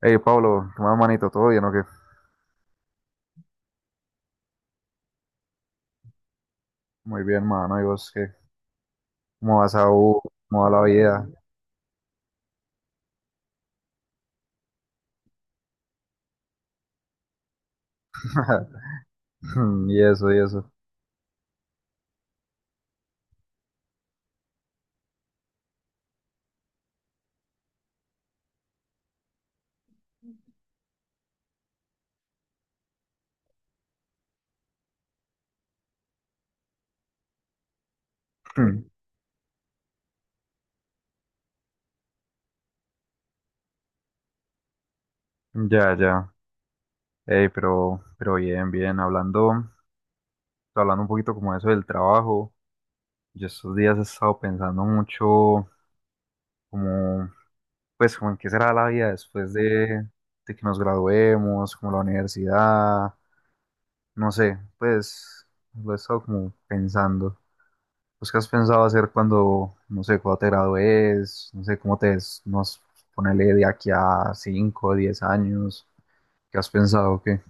Hey Pablo, ¿qué más, manito? ¿Todo bien o qué? Muy bien, mano. ¿Y vos qué? ¿Cómo vas a U? ¿Cómo va la vida? Y eso, y eso. Ya, ya. Hey, pero bien, bien. Hablando, hablando un poquito como eso del trabajo. Yo estos días he estado pensando mucho como, pues, como en qué será la vida después de que nos graduemos, como la universidad, no sé, pues, lo he estado como pensando. Pues, ¿qué has pensado hacer cuando, no sé, cuando te gradúes? No sé, ¿cómo te ves? Nos ponele de aquí a 5 o 10 años. ¿Qué has pensado? ¿O qué?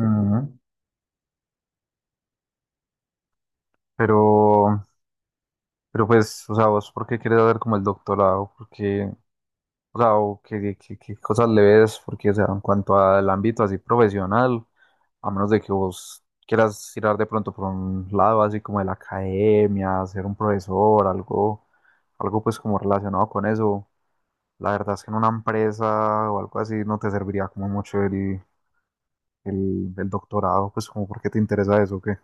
Ujú. Pero, pero pues, o sea, ¿vos por qué quieres hacer como el doctorado? Porque, o sea, ¿o qué, qué cosas le ves? Porque, o sea, en cuanto al ámbito así profesional, a menos de que vos quieras tirar de pronto por un lado así como de la academia, ser un profesor, algo pues como relacionado con eso. La verdad es que en una empresa o algo así no te serviría como mucho el doctorado, pues como porque te interesa eso, que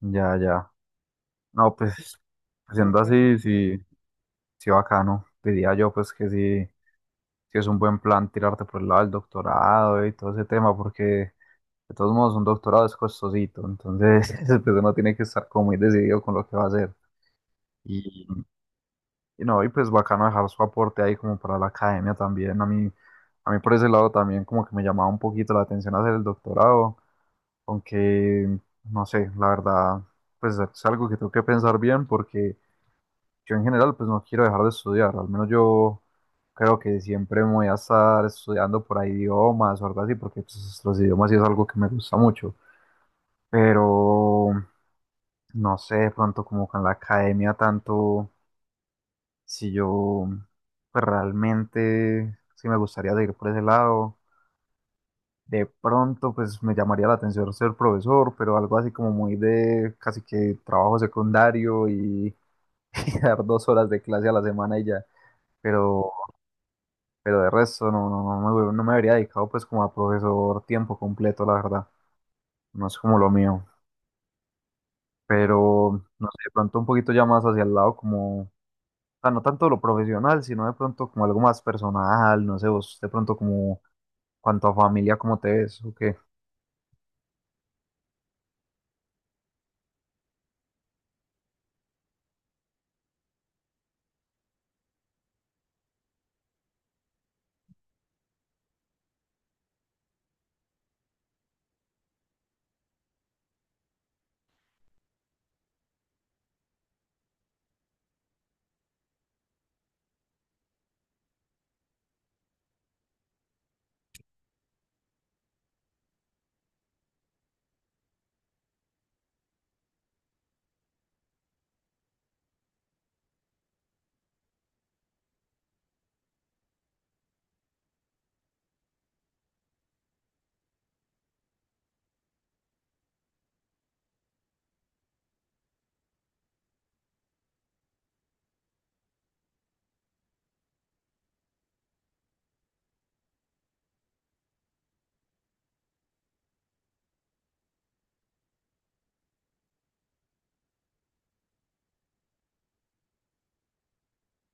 ya, ya. No, pues siendo así, sí, sí bacano. Diría yo pues que sí, sí es un buen plan tirarte por el lado del doctorado y todo ese tema, porque de todos modos un doctorado es costosito, entonces pues uno tiene que estar como muy decidido con lo que va a hacer. Y no, y pues bacano dejar su aporte ahí como para la academia también. A mí por ese lado también como que me llamaba un poquito la atención hacer el doctorado, aunque no sé, la verdad, pues es algo que tengo que pensar bien porque yo en general pues no quiero dejar de estudiar, al menos yo creo que siempre me voy a estar estudiando por ahí idiomas o algo así, porque pues, los idiomas sí es algo que me gusta mucho, pero no sé, de pronto como con la academia tanto. Si yo pues, realmente, sí me gustaría seguir por ese lado. De pronto, pues me llamaría la atención ser profesor, pero algo así como muy de casi que trabajo secundario y dar 2 horas de clase a la semana y ya. Pero, pero de resto, no, no me habría dedicado pues como a profesor tiempo completo, la verdad. No es como lo mío. Pero, no sé, de pronto un poquito ya más hacia el lado como, o sea, no tanto lo profesional, sino de pronto como algo más personal, no sé, vos de pronto como cuanto a familia, ¿cómo te ves? ¿O qué?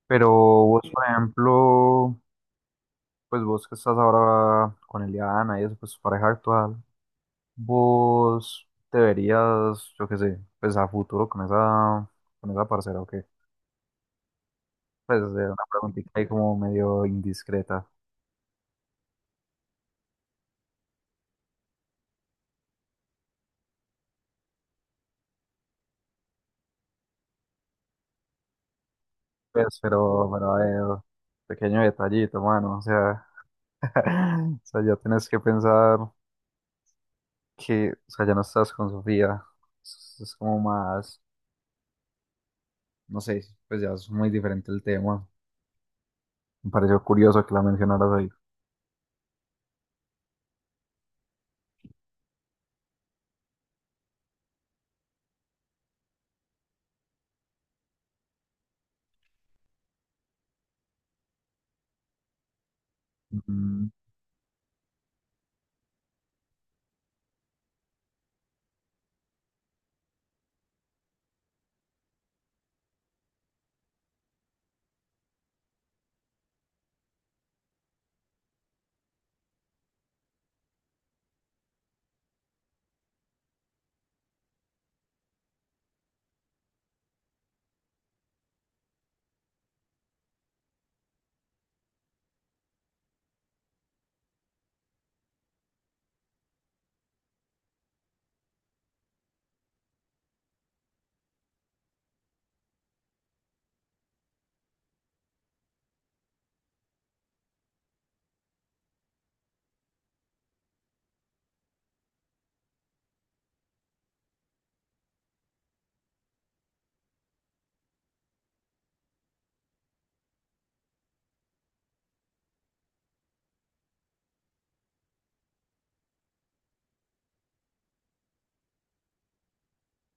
Pero vos, por ejemplo, pues vos que estás ahora con Eliana y eso, pues tu pareja actual, vos te verías, yo qué sé, pues a futuro con esa parcera, ¿o qué? Pues es una preguntita ahí como medio indiscreta, pues, pero a ver, pequeño detallito, mano, o sea, o sea, ya tienes que pensar que, o sea, ya no estás con Sofía, es como más, no sé, pues ya es muy diferente el tema. Me pareció curioso que la mencionaras ahí. Mm,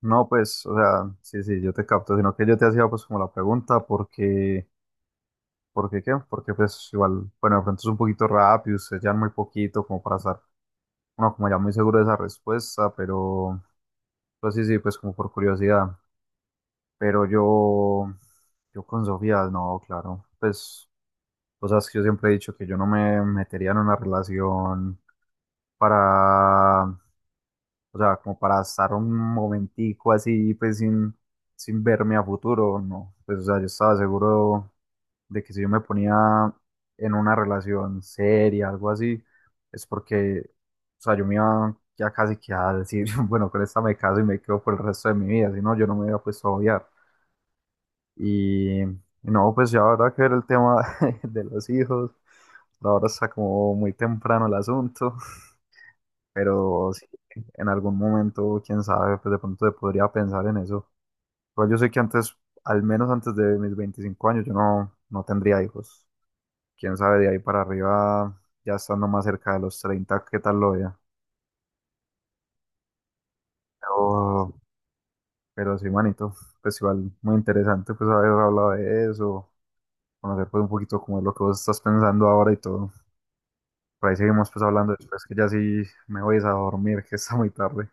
no, pues, o sea, sí, sí, yo te capto, sino que yo te hacía pues como la pregunta, porque, ¿por qué qué? Porque pues igual, bueno, de pronto es un poquito rápido, ustedes ya muy poquito como para estar, bueno, como ya muy seguro de esa respuesta, pero, pues sí, sí, pues como por curiosidad. Pero yo con Sofía, no, claro, pues, o sea, es que yo siempre he dicho que yo no me metería en una relación para, o sea, como para estar un momentico así, pues sin verme a futuro, no. Pues, o sea, yo estaba seguro de que si yo me ponía en una relación seria, algo así, es porque, o sea, yo me iba ya casi que a decir, bueno, con esta me caso y me quedo por el resto de mi vida, si no, yo no me hubiera puesto a obviar. Y no, pues ya ahora que ver el tema de los hijos, ahora está como muy temprano el asunto. Pero sí, en algún momento, quién sabe, pues de pronto se podría pensar en eso. Pero yo sé que antes, al menos antes de mis 25 años, yo no tendría hijos. Quién sabe, de ahí para arriba, ya estando más cerca de los 30 qué tal lo vea. Pero, pero sí, manito, pues igual muy interesante pues haber hablado de eso, conocer pues un poquito cómo es lo que vos estás pensando ahora y todo. Por ahí seguimos pues hablando después, que ya sí me voy a dormir, que está muy tarde.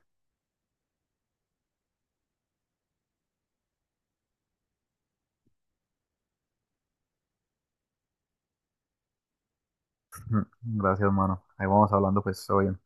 Gracias, mano. Ahí vamos hablando pues, todo bien.